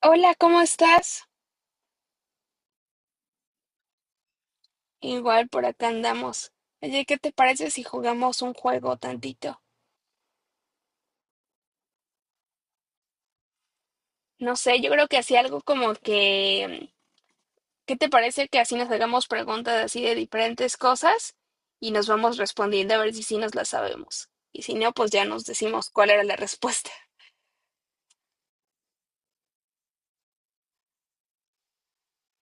Hola, ¿cómo estás? Igual por acá andamos. Oye, ¿qué te parece si jugamos un juego tantito? No sé, yo creo que así algo como que, ¿qué te parece que así nos hagamos preguntas así de diferentes cosas y nos vamos respondiendo a ver si sí nos las sabemos? Y si no, pues ya nos decimos cuál era la respuesta.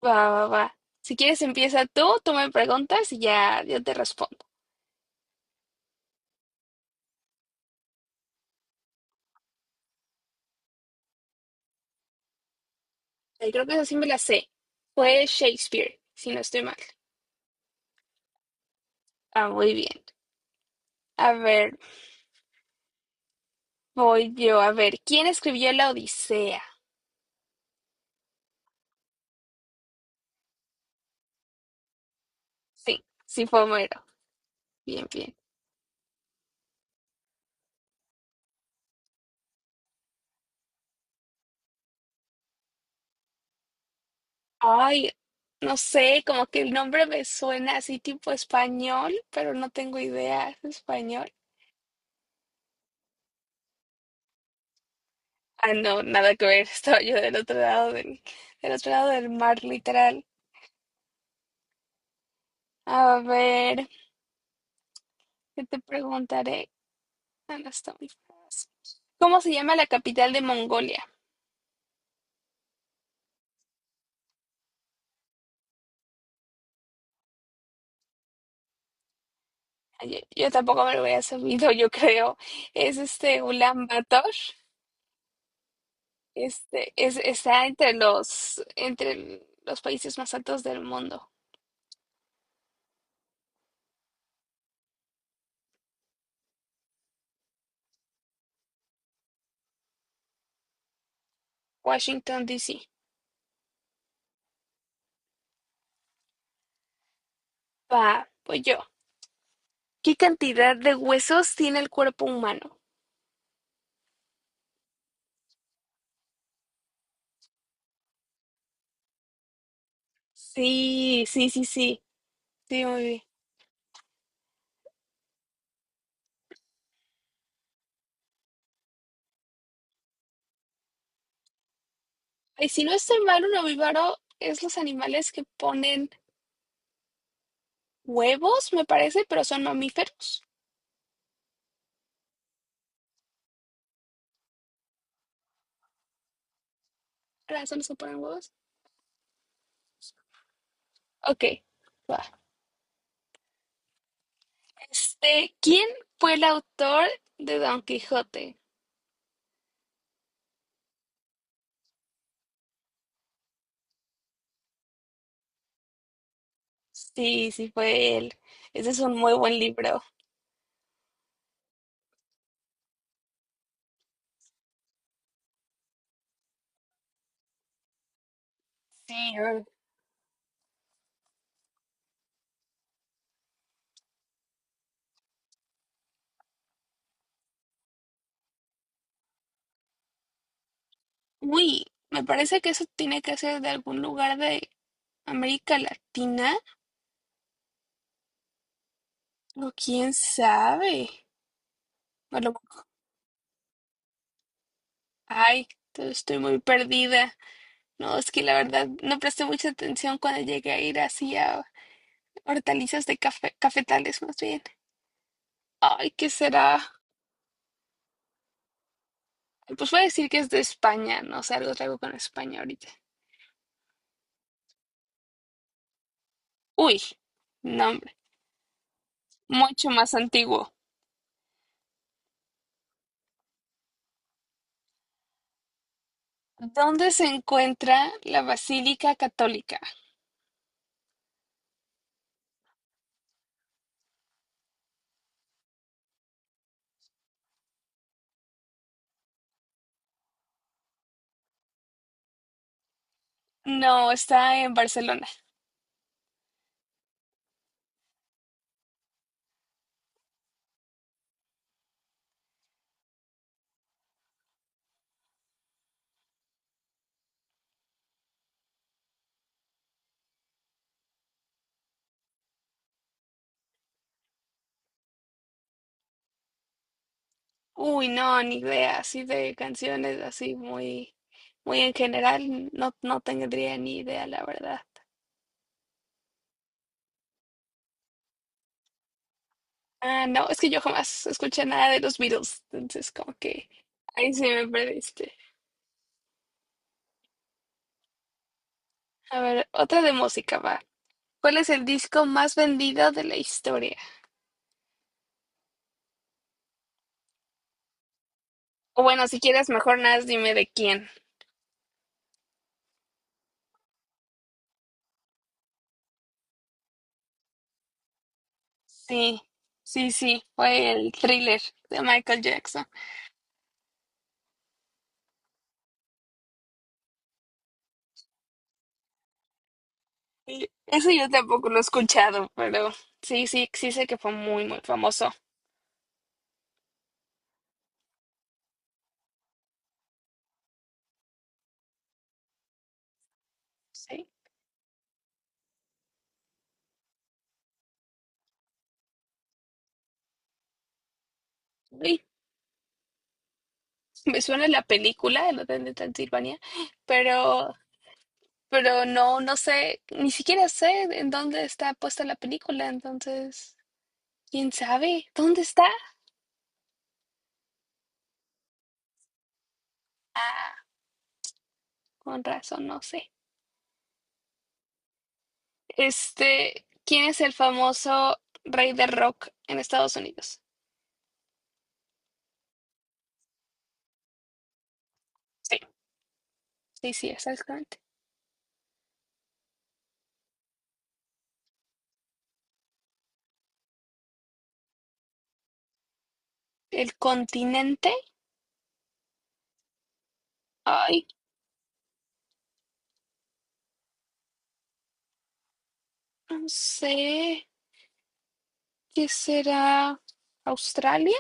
Va, va, va. Si quieres empieza tú me preguntas y ya yo te respondo. Creo que esa sí me la sé. Fue Shakespeare, si no estoy mal. Ah, muy bien. A ver. Voy yo a ver, ¿quién escribió la Odisea? Sí, sí fue Homero. Bien, bien. Ay, no sé, como que el nombre me suena así tipo español, pero no tengo idea. ¿Es español? Ah, no, nada que ver. Estaba yo del otro lado del mar, literal. A ver, ¿qué te preguntaré? Ah, no está muy fácil. ¿Cómo se llama la capital de Mongolia? Ay, yo tampoco me lo había sabido, yo creo. Es Ulan Bator. Está entre los países más altos del mundo. Washington, D.C. Va, pues yo. ¿Qué cantidad de huesos tiene el cuerpo humano? Sí, sí, sí, sí. Sí, muy bien. Y si no estoy mal, un ovíparo es los animales que ponen huevos, me parece, pero son mamíferos. ¿Verdad? Son los que ponen huevos. Ok, va. ¿Quién fue el autor de Don Quijote? Sí, sí, fue él. Ese es un muy buen libro. Sí, uy, me parece que eso tiene que ser de algún lugar de América Latina, o quién sabe. A lo- Ay, estoy muy perdida. No, es que la verdad no presté mucha atención cuando llegué a ir así a hortalizas de café, cafetales más bien. Ay, ¿qué será? Pues voy a decir que es de España, no sé, algo traigo con España ahorita. Uy, nombre, mucho más antiguo. ¿Dónde se encuentra la Basílica Católica? No, está en Barcelona. Uy, no, ni idea, así de canciones, así muy, muy en general, no, no tendría ni idea, la verdad. Ah, no, es que yo jamás escuché nada de los Beatles, entonces como que ahí sí me perdiste. A ver, otra de música va. ¿Cuál es el disco más vendido de la historia? O bueno, si quieres, mejor nada, más dime de quién. Sí, sí, sí, fue el Thriller de Michael Jackson. Sí, eso yo tampoco lo he escuchado, pero sí, sí, sí sé que fue muy, muy famoso. Sí. Uy, me suena la película, El Hotel de Transilvania, pero, pero no, no sé, ni siquiera sé en dónde está puesta la película, entonces, ¿quién sabe dónde está? Ah, con razón, no sé. ¿Quién es el famoso rey del rock en Estados Unidos? Sí, sí, sí, exactamente. ¿El continente? Ay, no sé. ¿Qué será? ¿Australia?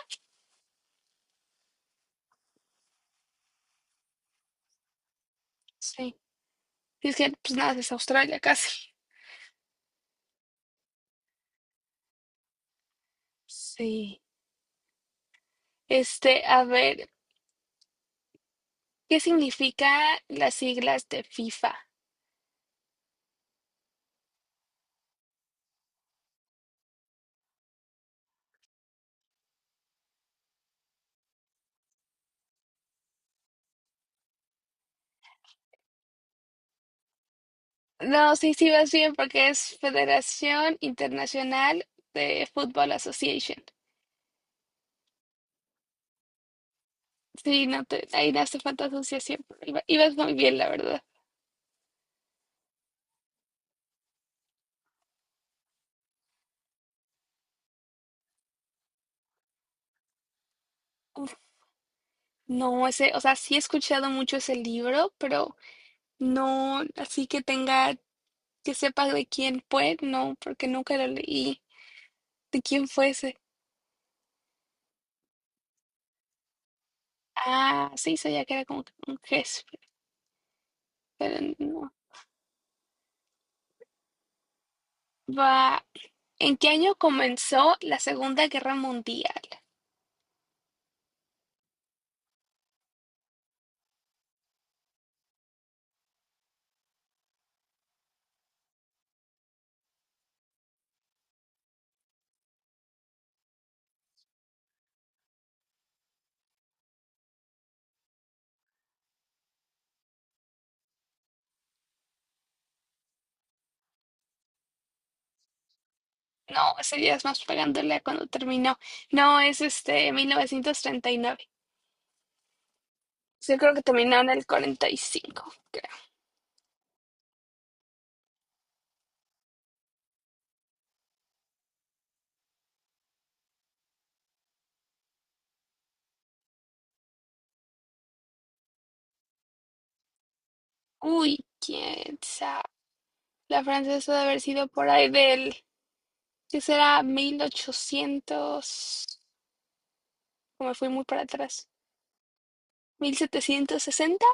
Sí. Es que pues nada, es Australia casi. Sí. A ver, ¿qué significa las siglas de FIFA? No, sí, sí vas bien porque es Federación Internacional de Football Association. Sí, no te, ahí no hace falta asociación, pero ibas muy bien, la verdad. Uf, no, ese, o sea, sí he escuchado mucho ese libro, pero no así que tenga, que sepa de quién fue, no, porque nunca lo leí. ¿De quién fue ese? Ah, sí, sabía que era como que un jefe, pero no. Va. ¿En qué año comenzó la Segunda Guerra Mundial? No, ese día es más pegándole a cuando terminó. No, es 1939. Sí, yo creo que terminó en el 45 creo. Uy, quién sabe. La francesa debe haber sido por ahí del, ¿qué será? 1800. Como fui muy para atrás. 1760.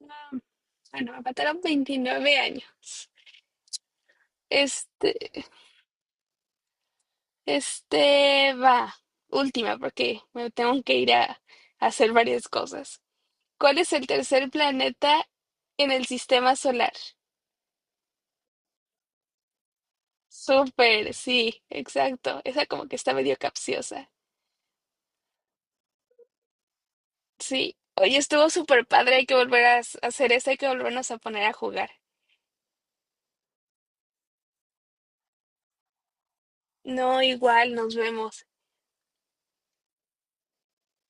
No. Ah, bueno, me faltaron 29 años. Este, va. Última, porque me tengo que ir a hacer varias cosas. ¿Cuál es el tercer planeta en el sistema solar? Súper, sí, exacto. Esa como que está medio capciosa. Sí. Oye, estuvo súper padre. Hay que volver a hacer esa. Hay que volvernos a poner a jugar. No, igual, nos vemos.